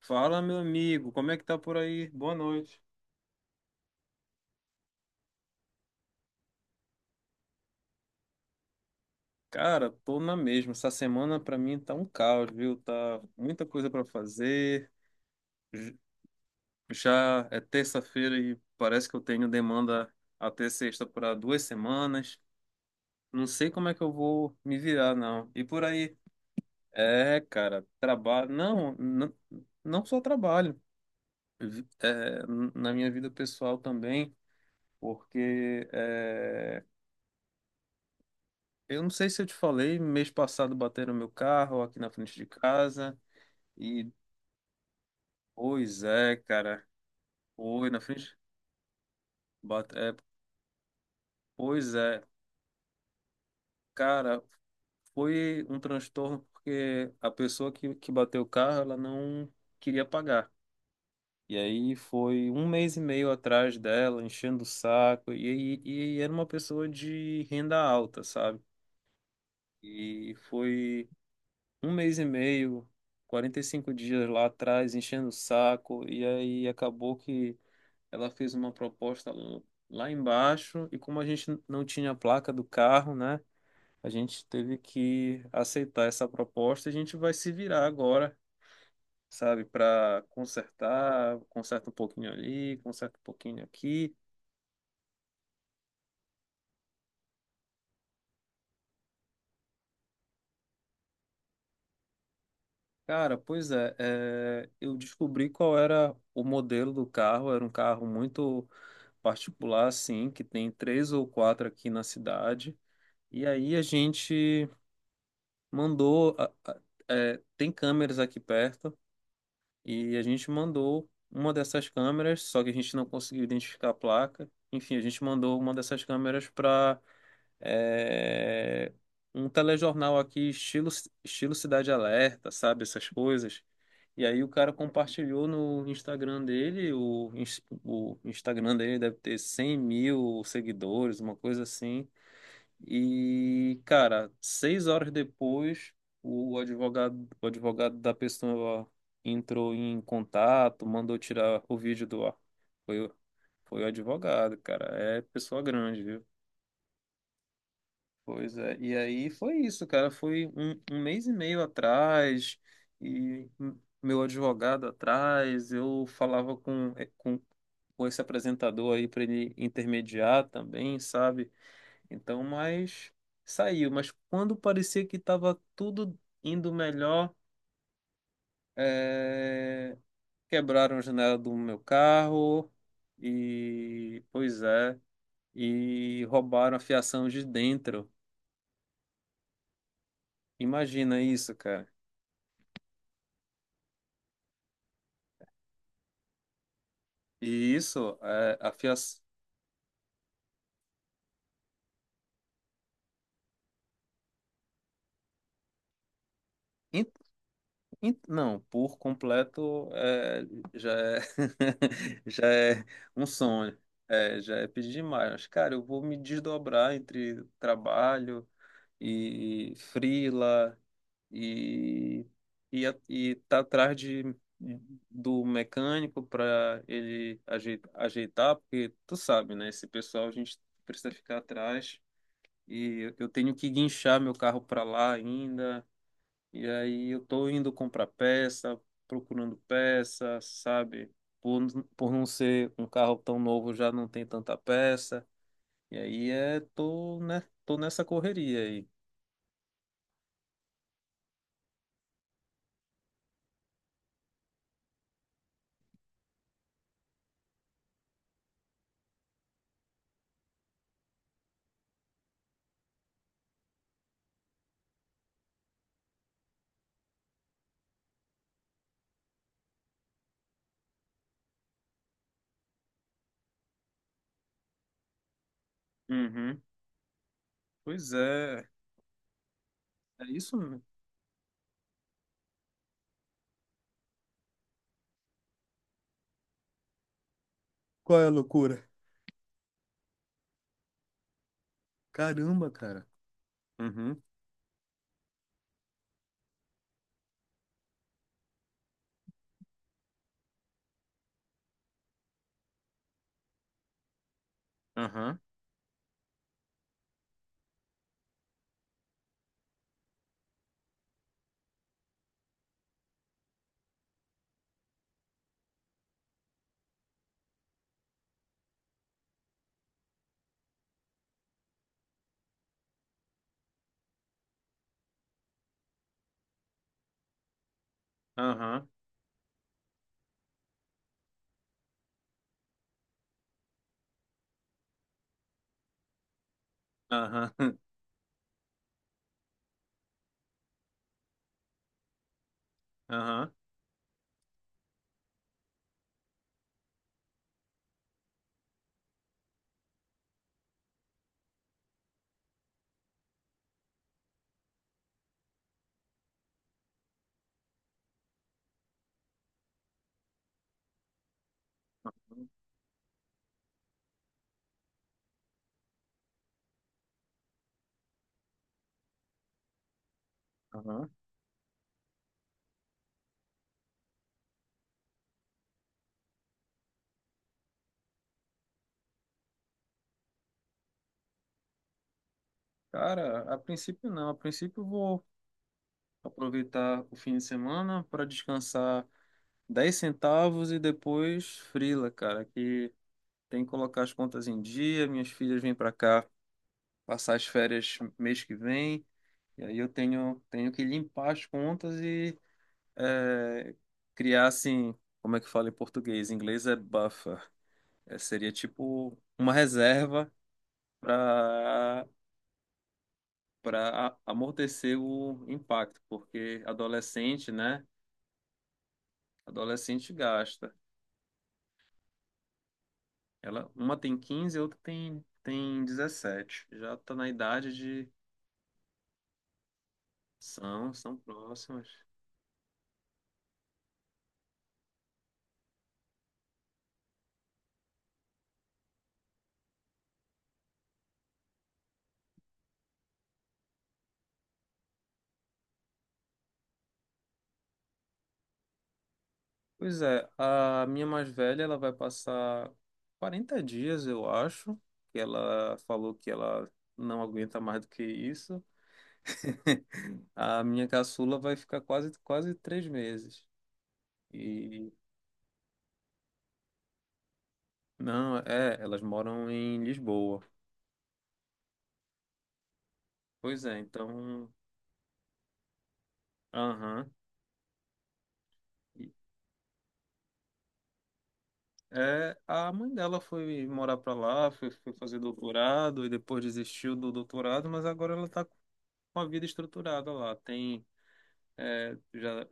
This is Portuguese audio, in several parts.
Fala, meu amigo, como é que tá por aí? Boa noite. Cara, tô na mesma. Essa semana pra mim tá um caos, viu? Tá muita coisa pra fazer. J- Já é terça-feira e parece que eu tenho demanda até sexta para 2 semanas. Não sei como é que eu vou me virar, não. E por aí? É, cara, trabalho. Não, não, não só trabalho. Vi- é, Na minha vida pessoal também, porque eu não sei se eu te falei, mês passado bateram meu carro aqui na frente de casa. E, Pois é, cara. Foi na frente. Bate, é, Pois é. Cara, foi um transtorno porque a pessoa que bateu o carro, ela não queria pagar. E aí foi um mês e meio atrás dela, enchendo o saco. E era uma pessoa de renda alta, sabe? E foi um mês e meio, 45 dias lá atrás, enchendo o saco, e aí acabou que ela fez uma proposta lá embaixo, e como a gente não tinha a placa do carro, né, a gente teve que aceitar essa proposta, e a gente vai se virar agora, sabe, para consertar, conserta um pouquinho ali, conserta um pouquinho aqui. Cara, pois é, eu descobri qual era o modelo do carro, era um carro muito particular, assim que tem três ou quatro aqui na cidade. E aí a gente mandou. A- é, tem câmeras aqui perto, e a gente mandou uma dessas câmeras, só que a gente não conseguiu identificar a placa. Enfim, a gente mandou uma dessas câmeras para é, um telejornal aqui, estilo Cidade Alerta, sabe? Essas coisas. E aí o cara compartilhou no Instagram dele, o Instagram dele deve ter 100 mil seguidores, uma coisa assim. E, cara, 6 horas depois, o advogado da pessoa entrou em contato, mandou tirar o vídeo do ar. Foi, o- foi o advogado, cara. É pessoa grande, viu? Pois é, e aí foi isso, cara. Foi um mês e meio atrás, e meu advogado atrás, eu falava com esse apresentador aí para ele intermediar também, sabe? Então, mas saiu. Mas quando parecia que estava tudo indo melhor, eh, quebraram a janela do meu carro, e pois é, e roubaram a fiação de dentro. Imagina isso, cara. E isso, é, a fiação. Não, por completo é, já é, já é um sonho, é, já é pedir demais. Mas, cara, eu vou me desdobrar entre trabalho e freela e, e tá atrás do mecânico para ele ajeitar, ajeitar, porque tu sabe, né? Esse pessoal a gente precisa ficar atrás. E eu tenho que guinchar meu carro para lá ainda. E aí eu tô indo comprar peça, procurando peça, sabe? Por, por não ser um carro tão novo, já não tem tanta peça. E aí tô, né? Tô nessa correria aí. Uhum. Pois é, é isso mesmo. Qual é a loucura? Caramba, cara. Uhum. Aham. Aham. Aham. Aham. Aham. Cara, a princípio não. A princípio eu vou aproveitar o fim de semana para descansar 10 centavos e depois frila, cara, que tem que colocar as contas em dia, minhas filhas vêm para cá passar as férias mês que vem, e aí eu tenho, que limpar as contas e é, criar assim, como é que fala em português? Em inglês é buffer. É, seria tipo uma reserva para para amortecer o impacto, porque adolescente, né? Adolescente gasta. Ela, uma tem 15 e a outra tem 17. Já tá na idade de. São próximas. Pois é, a minha mais velha, ela vai passar 40 dias, eu acho, que ela falou que ela não aguenta mais do que isso. A minha caçula vai ficar quase 3 meses. E não, elas moram em Lisboa. Pois é, então, aham. É, a mãe dela foi morar pra lá, foi fazer doutorado e depois desistiu do doutorado, mas agora ela tá com a vida estruturada lá. Tem, é, já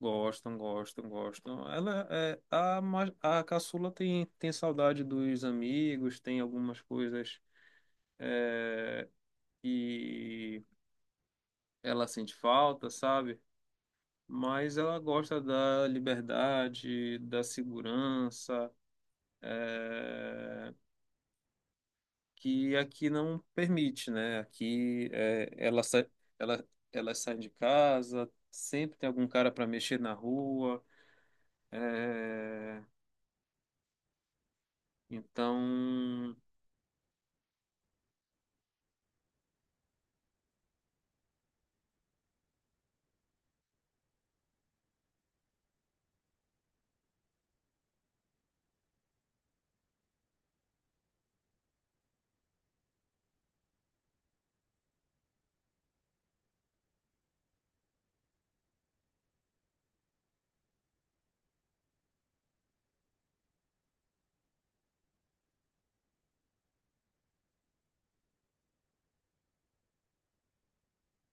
Gostam, gostam, gostam. Ela, é, a, ma- a caçula tem saudade dos amigos, tem algumas coisas, é, que ela sente falta, sabe? Mas ela gosta da liberdade, da segurança, é, que aqui não permite, né? Ela sai, ela, ela sai de casa, sempre tem algum cara para mexer na rua. é, então,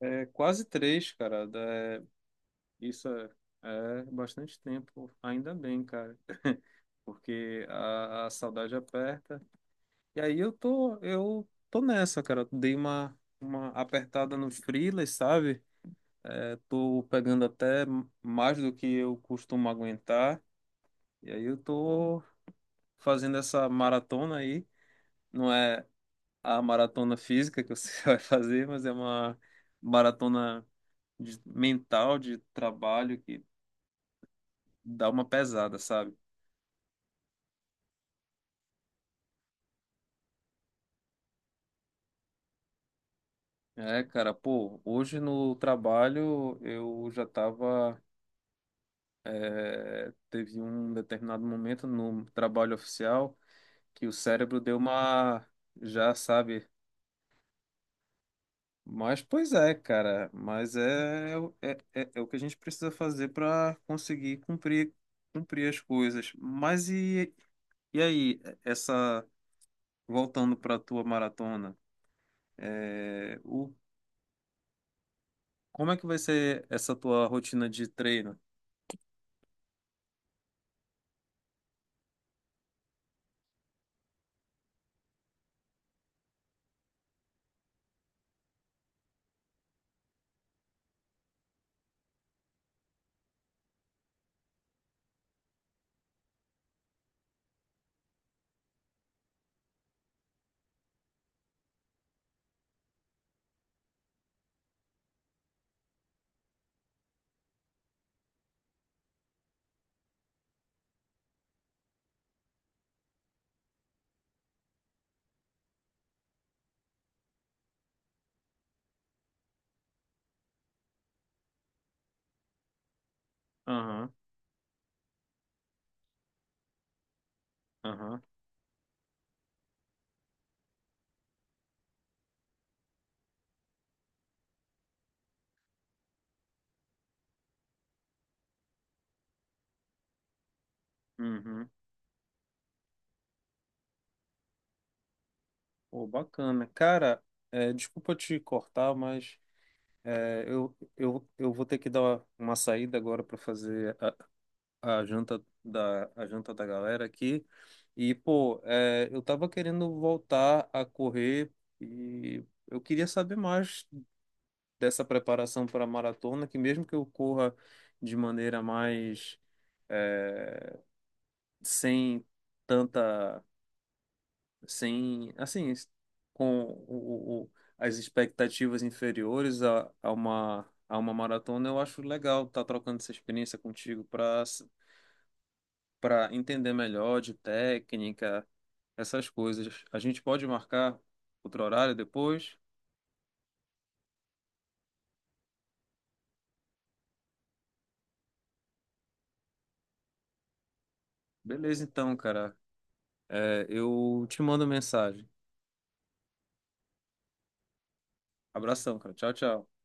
é quase três, cara. Isso é bastante tempo, ainda bem, cara, porque a saudade aperta. E aí eu tô nessa, cara. Dei uma apertada no freelas, sabe? É, tô pegando até mais do que eu costumo aguentar. E aí eu tô fazendo essa maratona aí. Não é a maratona física que você vai fazer, mas é uma maratona mental de trabalho que dá uma pesada, sabe? É, cara, pô, hoje no trabalho eu já tava. Teve um determinado momento no trabalho oficial que o cérebro deu uma. Já sabe. Mas, pois é, cara, mas é o que a gente precisa fazer para conseguir cumprir, as coisas. Mas e aí, voltando para a tua maratona, é, o, como é que vai ser essa tua rotina de treino? Aham, aham, uhum. Pô, bacana. Cara, desculpa te cortar, mas eu vou ter que dar uma saída agora para fazer a janta da galera aqui. Pô, eu tava querendo voltar a correr e eu queria saber mais dessa preparação para a maratona, que mesmo que eu corra de maneira mais, é, sem tanta, sem, assim, com o, o- as expectativas inferiores a uma maratona, eu acho legal estar trocando essa experiência contigo para entender melhor de técnica, essas coisas. A gente pode marcar outro horário depois? Beleza, então, cara. Eu te mando mensagem. Abração, cara. Tchau, tchau.